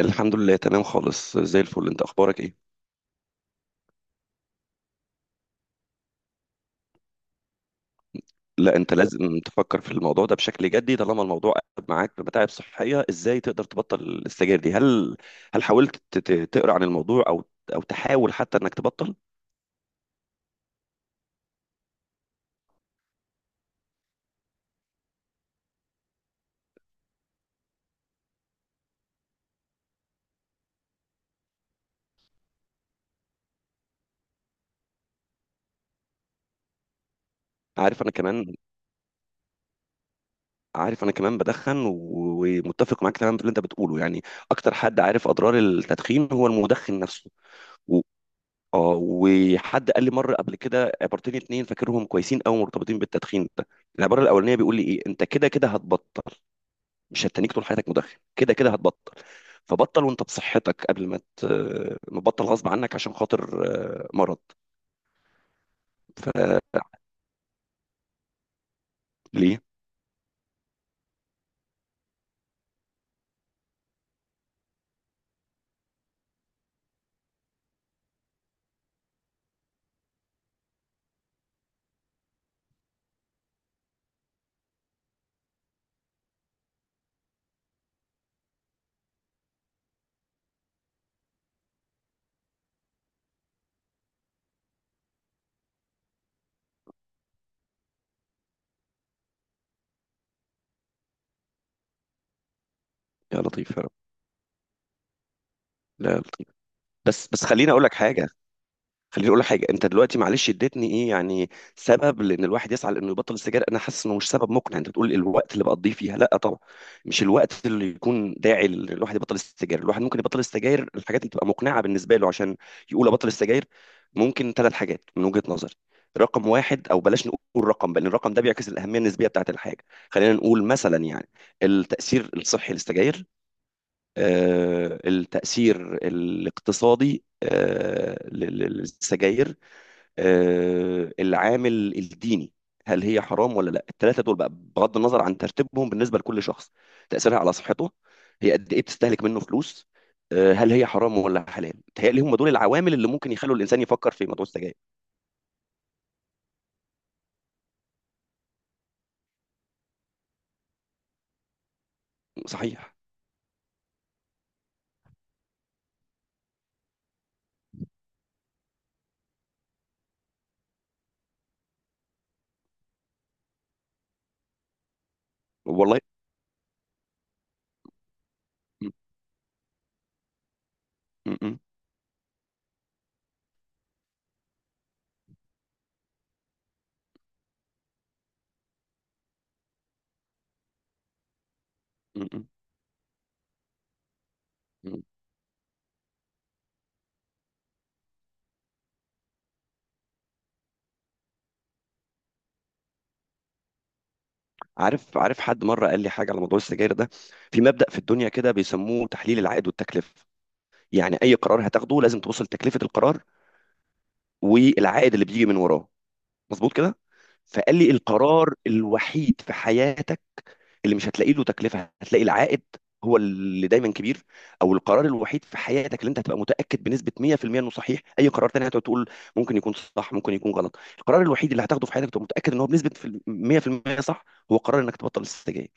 الحمد لله، تمام خالص، زي الفل. انت اخبارك ايه؟ لا، انت لازم تفكر في الموضوع ده بشكل جدي. طالما الموضوع قلب معاك بمتاعب صحيه، ازاي تقدر تبطل السجاير دي؟ هل حاولت تقرا عن الموضوع او تحاول حتى انك تبطل؟ عارف انا كمان عارف انا كمان بدخن ومتفق معاك تماما في اللي انت بتقوله، يعني اكتر حد عارف اضرار التدخين هو المدخن نفسه و... اه وحد قال لي مره قبل كده عبارتين اتنين فاكرهم كويسين قوي، مرتبطين بالتدخين ده. العباره الاولانيه بيقول لي ايه؟ انت كده كده هتبطل، مش هتتنيك طول حياتك مدخن، كده كده هتبطل. فبطل وانت بصحتك قبل ما ما تبطل غصب عنك عشان خاطر مرض. فليه؟ يا لطيف يا رب. لا يا لطيف. بس بس، خليني اقول لك حاجه. انت دلوقتي معلش اديتني ايه، يعني سبب لان الواحد يسعى لانه يبطل السجاير؟ انا حاسس انه مش سبب مقنع. انت بتقول الوقت اللي بقضيه فيها، لا طبعا، مش الوقت اللي يكون داعي ان الواحد يبطل السجاير. الواحد ممكن يبطل السجاير، الحاجات اللي تبقى مقنعه بالنسبه له عشان يقول ابطل السجاير ممكن ثلاث حاجات من وجهه نظري. رقم واحد، او بلاش نقول رقم، بل الرقم ده بيعكس الاهميه النسبيه بتاعت الحاجه. خلينا نقول مثلا، يعني التاثير الصحي للسجاير، التاثير الاقتصادي للسجاير، العامل الديني، هل هي حرام ولا لا. الثلاثه دول بقى، بغض النظر عن ترتيبهم بالنسبه لكل شخص: تاثيرها على صحته، هي قد ايه بتستهلك منه فلوس، هل هي حرام ولا حلال. تهيألي هم دول العوامل اللي ممكن يخلوا الانسان يفكر في موضوع السجاير. صحيح. والله. م- م- م- م- م. عارف حد مره قال لي حاجه على موضوع السجاير ده. في مبدأ في الدنيا كده بيسموه تحليل العائد والتكلفه، يعني اي قرار هتاخده لازم تبص لتكلفه القرار والعائد اللي بيجي من وراه. مظبوط كده؟ فقال لي القرار الوحيد في حياتك اللي مش هتلاقي له تكلفه، هتلاقي العائد هو اللي دايما كبير، او القرار الوحيد في حياتك اللي انت هتبقى متاكد بنسبه 100% انه صحيح، اي قرار تاني هتقعد تقول ممكن يكون صح ممكن يكون غلط، القرار الوحيد اللي هتاخده في حياتك تبقى متاكد ان هو بنسبه 100% صح، هو قرار انك تبطل السجاير.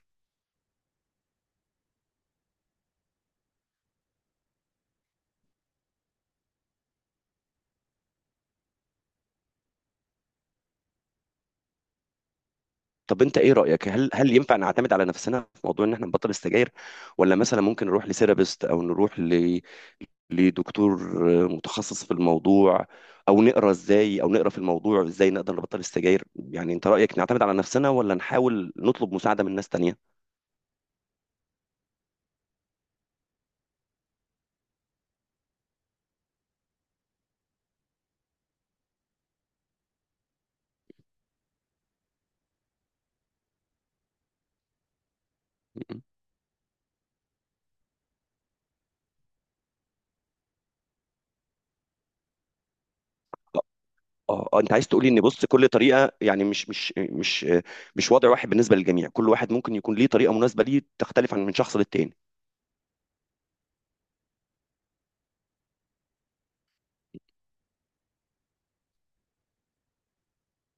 طب انت ايه رايك، هل ينفع نعتمد على نفسنا في موضوع ان احنا نبطل السجاير، ولا مثلا ممكن نروح لسيرابيست او نروح لدكتور متخصص في الموضوع، او نقرا ازاي، او نقرا في الموضوع ازاي نقدر نبطل السجاير؟ يعني انت رايك نعتمد على نفسنا ولا نحاول نطلب مساعده من ناس تانية؟ م- اه. اه انت عايز تقولي ان بص، كل طريقه، يعني مش وضع واحد بالنسبه للجميع، كل واحد ممكن يكون ليه طريقه مناسبه ليه تختلف عن من شخص للتاني.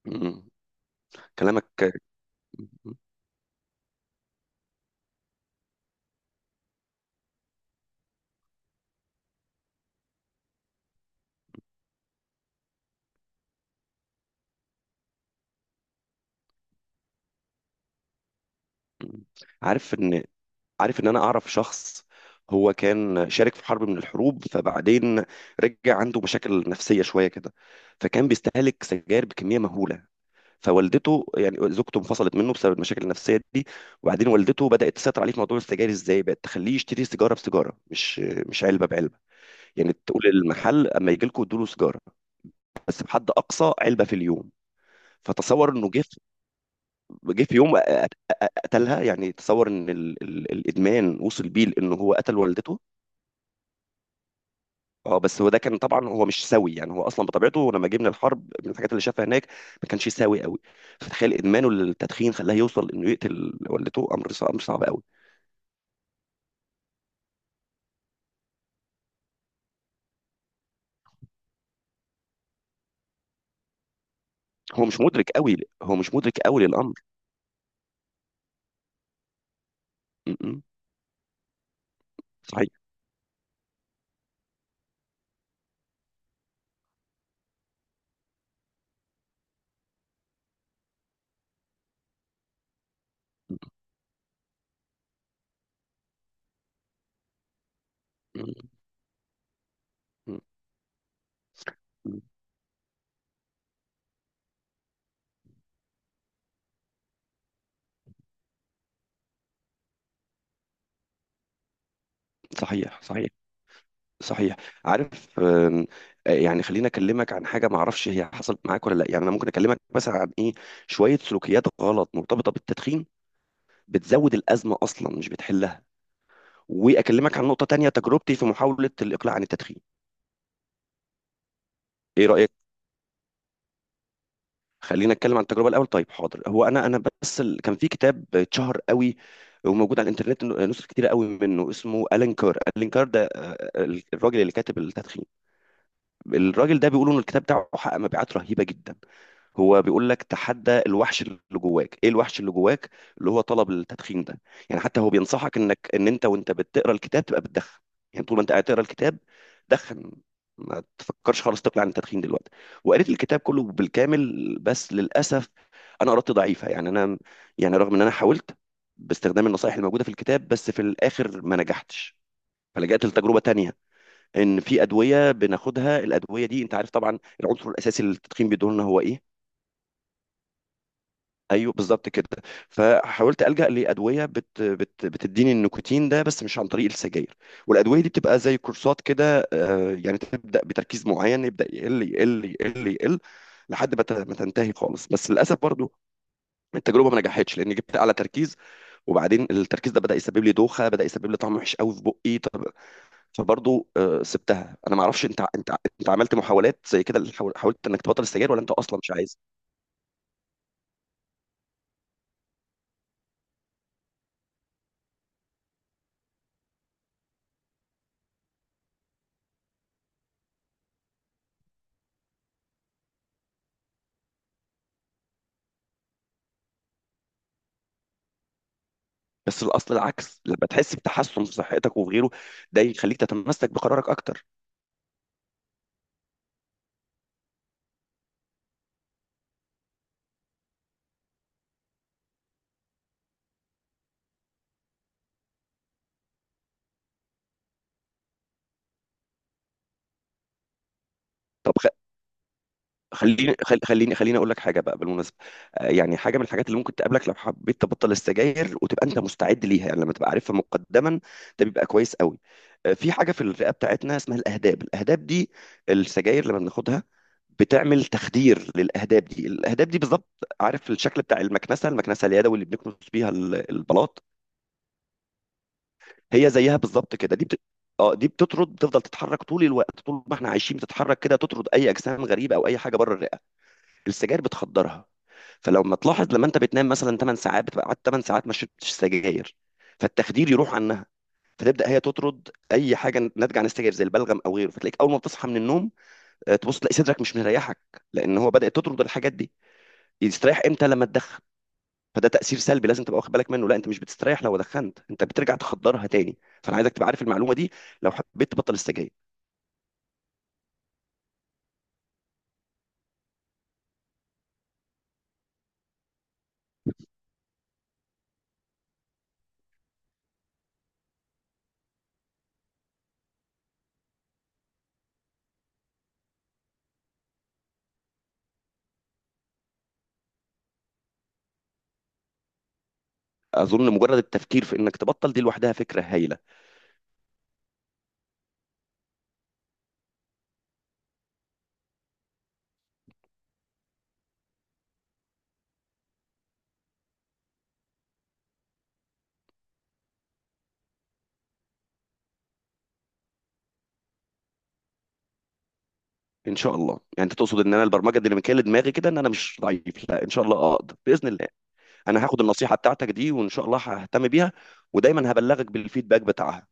مم. كلامك. مم. عارف ان عارف ان انا اعرف شخص هو كان شارك في حرب من الحروب، فبعدين رجع عنده مشاكل نفسية شوية كده، فكان بيستهلك سجاير بكمية مهولة. فوالدته، يعني زوجته انفصلت منه بسبب المشاكل النفسية دي، وبعدين والدته بدأت تسيطر عليه في موضوع السجاير. ازاي؟ بقت تخليه يشتري سيجارة بسيجارة، مش علبة بعلبة. يعني تقول المحل اما يجي لكم ادوا له سيجارة، بس بحد اقصى علبة في اليوم. فتصور انه جه في يوم قتلها. يعني تصور ان الادمان وصل بيه لانه هو قتل والدته. اه، بس هو ده كان طبعا، هو مش سوي. يعني هو اصلا بطبيعته لما جه من الحرب، من الحاجات اللي شافها هناك، ما كانش سوي قوي. فتخيل ادمانه للتدخين خلاه يوصل انه يقتل والدته، امر صعب، امر صعب قوي. هو مش مدرك قوي هو مش مدرك قوي للامر. م. صحيح. م- م- م. صحيح، صحيح، صحيح. عارف آم، آه، يعني خليني اكلمك عن حاجه، ما اعرفش هي حصلت معاك ولا لا. يعني انا ممكن اكلمك مثلا عن ايه؟ شويه سلوكيات غلط مرتبطه بالتدخين بتزود الازمه اصلا مش بتحلها، واكلمك عن نقطه تانية: تجربتي في محاوله الاقلاع عن التدخين. ايه رايك؟ خلينا نتكلم عن التجربه الاول. طيب، حاضر. هو كان في كتاب اتشهر قوي، وموجود على الانترنت نسخ كتيره قوي منه، اسمه الين كار. الين كار ده الراجل اللي كاتب التدخين. الراجل ده بيقولوا ان الكتاب بتاعه حقق مبيعات رهيبه جدا. هو بيقول لك تحدى الوحش اللي جواك. ايه الوحش اللي جواك؟ اللي هو طلب التدخين ده. يعني حتى هو بينصحك انك ان انت وانت بتقرا الكتاب تبقى بتدخن. يعني طول ما انت قاعد تقرا الكتاب دخن، ما تفكرش خالص تقلع عن التدخين دلوقتي. وقريت الكتاب كله بالكامل، بس للاسف انا قرأت ضعيفه، يعني انا، يعني رغم ان انا حاولت باستخدام النصائح الموجوده في الكتاب، بس في الاخر ما نجحتش. فلجأت لتجربه تانية، ان في ادويه بناخدها. الادويه دي، انت عارف طبعا العنصر الاساسي اللي التدخين بيديه لنا هو ايه؟ ايوه، بالظبط كده. فحاولت الجا لادويه بت بت بتديني النيكوتين ده بس مش عن طريق السجاير. والادويه دي بتبقى زي كورسات كده، يعني تبدا بتركيز معين يبدا يقل يقل يقل يقل لحد ما ما تنتهي خالص. بس للاسف برضو التجربه ما نجحتش لان جبت اعلى تركيز، وبعدين التركيز ده بدا يسبب لي دوخه، بدا يسبب لي طعم وحش قوي في بقي. طب فبرضو سبتها. انا ما اعرفش انت عملت محاولات زي كده؟ حاولت انك تبطل السجاير ولا انت اصلا مش عايز؟ بس الاصل العكس، لما تحس بتحسن في صحتك وفي غيره ده يخليك تتمسك بقرارك اكتر. طب خ- خليني خل- خليني خليني اقول لك حاجه بقى بالمناسبه. يعني حاجه من الحاجات اللي ممكن تقابلك لو حبيت تبطل السجاير، وتبقى انت مستعد ليها، يعني لما تبقى عارفها مقدما ده بيبقى كويس قوي. في حاجه في الرئه بتاعتنا اسمها الاهداب. الاهداب دي السجاير لما بناخدها بتعمل تخدير للاهداب دي. الاهداب دي بالظبط، عارف الشكل بتاع المكنسه؟ المكنسه اليدوي اللي بنكنس بيها البلاط، هي زيها بالظبط كده. اه دي بتطرد، بتفضل تتحرك طول الوقت. طول ما احنا عايشين بتتحرك كده، تطرد اي اجسام غريبه او اي حاجه بره الرئه. السجاير بتخدرها. فلما تلاحظ، لما انت بتنام مثلا 8 ساعات، بتبقى قعدت 8 ساعات ما شربتش سجاير، فالتخدير يروح عنها، فتبدا هي تطرد اي حاجه ناتجه عن السجاير زي البلغم او غيره. فتلاقيك اول ما بتصحى من النوم، تبص تلاقي صدرك مش مريحك، لان هو بدات تطرد الحاجات دي. يستريح امتى؟ لما تدخن. فده تأثير سلبي لازم تبقى واخد بالك منه. لا، انت مش بتستريح لو دخنت، انت بترجع تخدرها تاني. فانا عايزك تبقى عارف المعلومة دي لو حبيت تبطل السجاير. اظن مجرد التفكير في انك تبطل دي لوحدها فكرة هايلة. ان شاء الله. يعني انت تقصد ان انا البرمجة الديناميكية اللي دماغي كده ان انا مش ضعيف، لا، ان شاء الله اقدر بإذن الله. انا هاخد النصيحة بتاعتك دي، وان شاء الله ههتم بيها، ودايما هبلغك بالفيدباك بتاعها.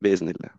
بإذن الله.